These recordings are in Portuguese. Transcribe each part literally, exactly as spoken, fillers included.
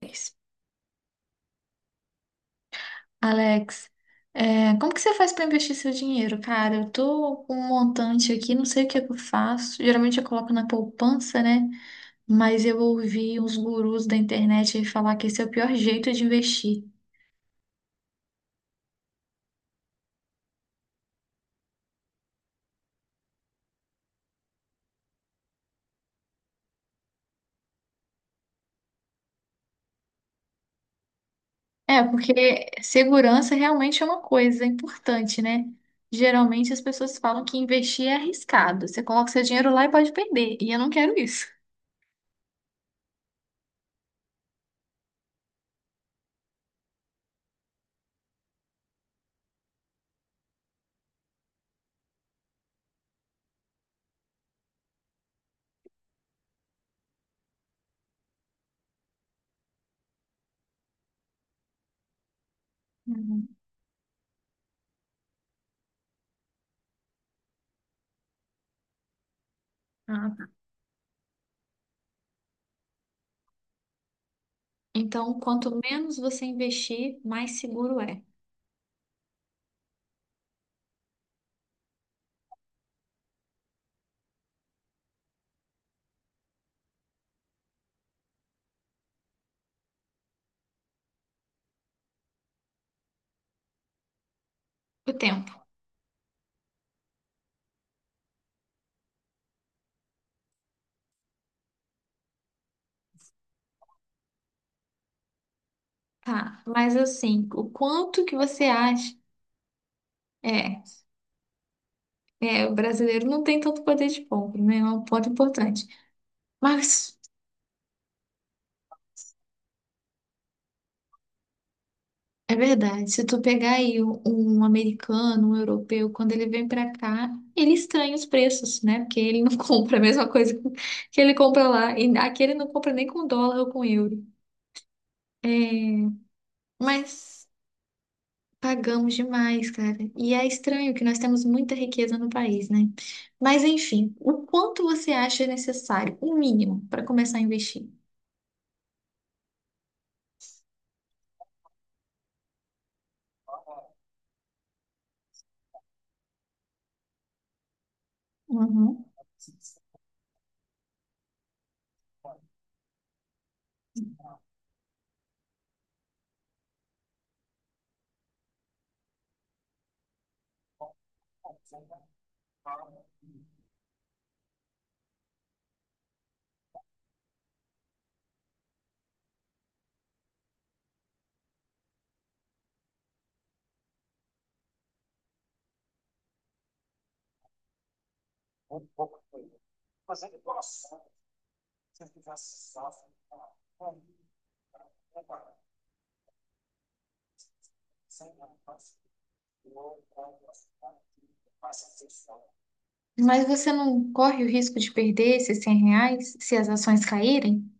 Alex, é, como que você faz para investir seu dinheiro, cara? Eu tô com um montante aqui, não sei o que é que eu faço. Geralmente eu coloco na poupança, né? Mas eu ouvi uns gurus da internet falar que esse é o pior jeito de investir. É, porque segurança realmente é uma coisa importante, né? Geralmente as pessoas falam que investir é arriscado. Você coloca seu dinheiro lá e pode perder. E eu não quero isso. Uhum. Ah, tá. Então, quanto menos você investir, mais seguro é. O tempo. Tá, mas assim, o quanto que você acha? É, é, o brasileiro não tem tanto poder de compra, né? É um ponto importante. Mas é verdade, se tu pegar aí um, um americano, um europeu, quando ele vem pra cá, ele estranha os preços, né? Porque ele não compra a mesma coisa que ele compra lá. E aqui ele não compra nem com dólar ou com euro. É, mas. Pagamos demais, cara. E é estranho que nós temos muita riqueza no país, né? Mas enfim, o quanto você acha necessário, o mínimo, para começar a investir? Uhum. Mas você não corre o risco de perder esses cem reais se as ações caírem?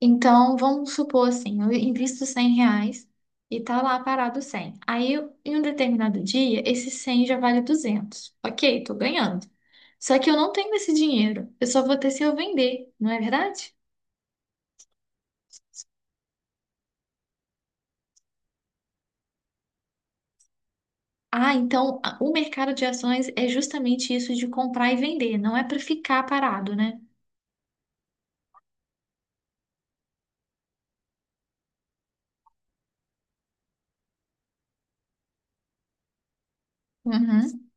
Então, vamos supor assim, eu invisto cem reais e tá lá parado cem. Aí, eu- em um determinado dia, esse cem já vale duzentos. Ok, tô ganhando. Só que eu não tenho esse dinheiro. Eu só vou ter se eu vender, não é verdade? Ah, então a- o mercado de ações é justamente isso de comprar e vender, não é para ficar parado, né? Uhum.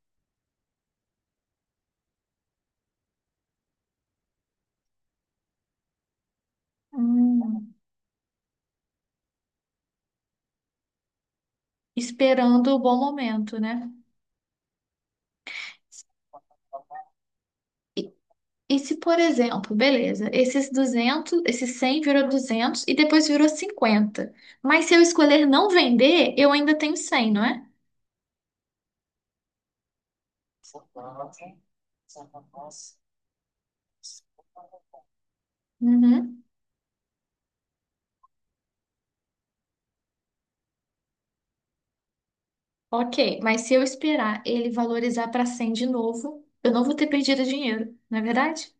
Hum. Esperando o bom momento, né? E se, por exemplo, beleza, esses duzentos, esses cem virou duzentos e depois virou cinquenta. Mas se eu escolher não vender, eu ainda tenho cem, não é? Uhum. Ok, mas se eu esperar ele valorizar para cem de novo, eu não vou ter perdido dinheiro, não é verdade?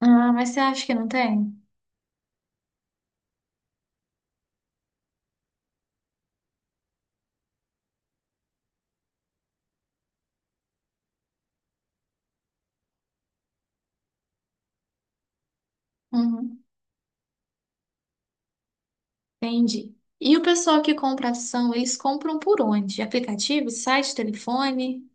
Ah, mas você acha que não tem? Uhum. Entendi. E o pessoal que compra ação, eles compram por onde? Aplicativo, site, telefone?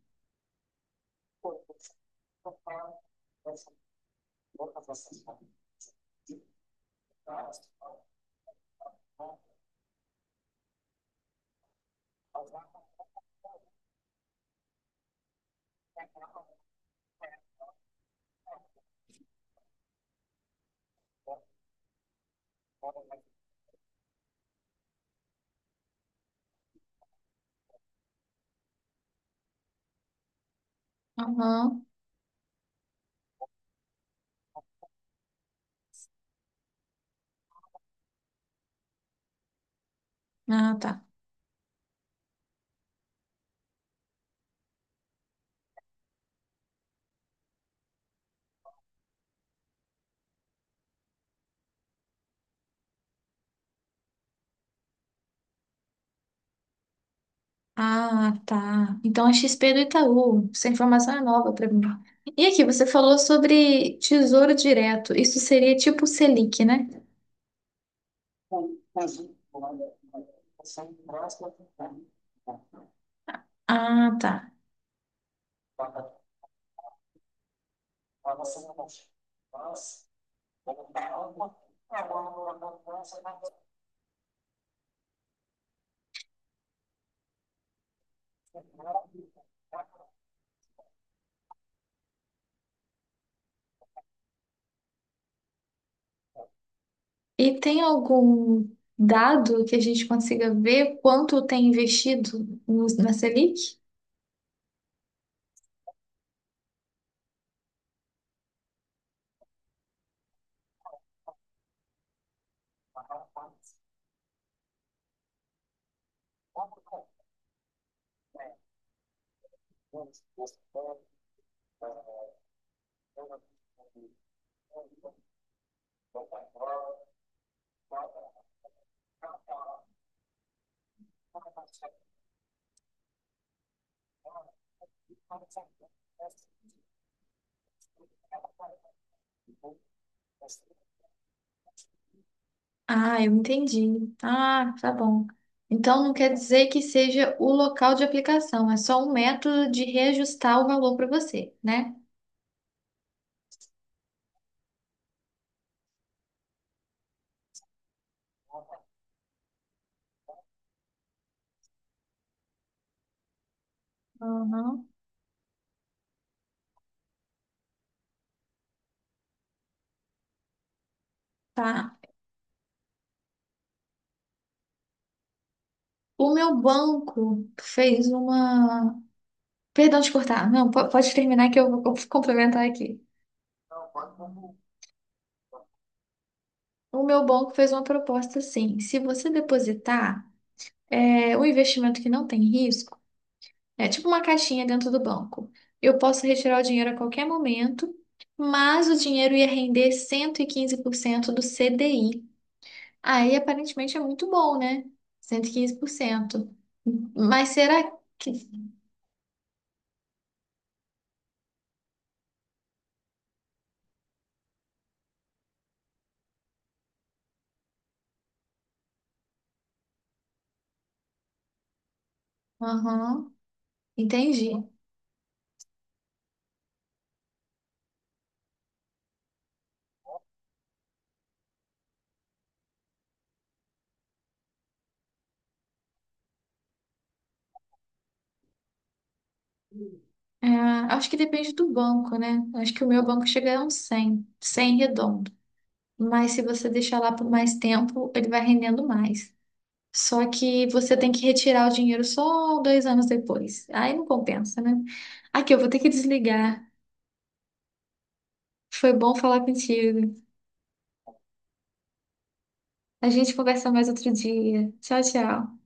Aham. Ah, tá. Ah, tá. Então a X P do Itaú. Essa informação é nova para mim. E aqui, você falou sobre Tesouro Direto. Isso seria tipo Selic, né? Ah, tá. E tem algum dado que a gente consiga ver quanto tem investido no- na Selic? Ah, eu entendi. Ah, tá bom. Então não quer dizer que seja o local de aplicação, é só um método de reajustar o valor para você, né? Uhum. Tá. O meu banco fez uma. Perdão de cortar. Não, po- pode terminar que eu vou co- complementar aqui. O meu banco fez uma proposta assim: se você depositar é, um investimento que não tem risco, é tipo uma caixinha dentro do banco. Eu posso retirar o dinheiro a qualquer momento, mas o dinheiro ia render cento e quinze por cento do C D I. Aí aparentemente é muito bom, né? Cento e quinze por cento. Mas será que. Aham, entendi. É, acho que depende do banco, né? Acho que o meu banco chega a uns cem 100 redondo. Mas se você deixar lá por mais tempo, ele vai rendendo mais. Só que você tem que retirar o dinheiro só dois anos depois. Aí não compensa, né? Aqui, eu vou ter que desligar. Foi bom falar contigo. A gente conversa mais outro dia. Tchau, tchau.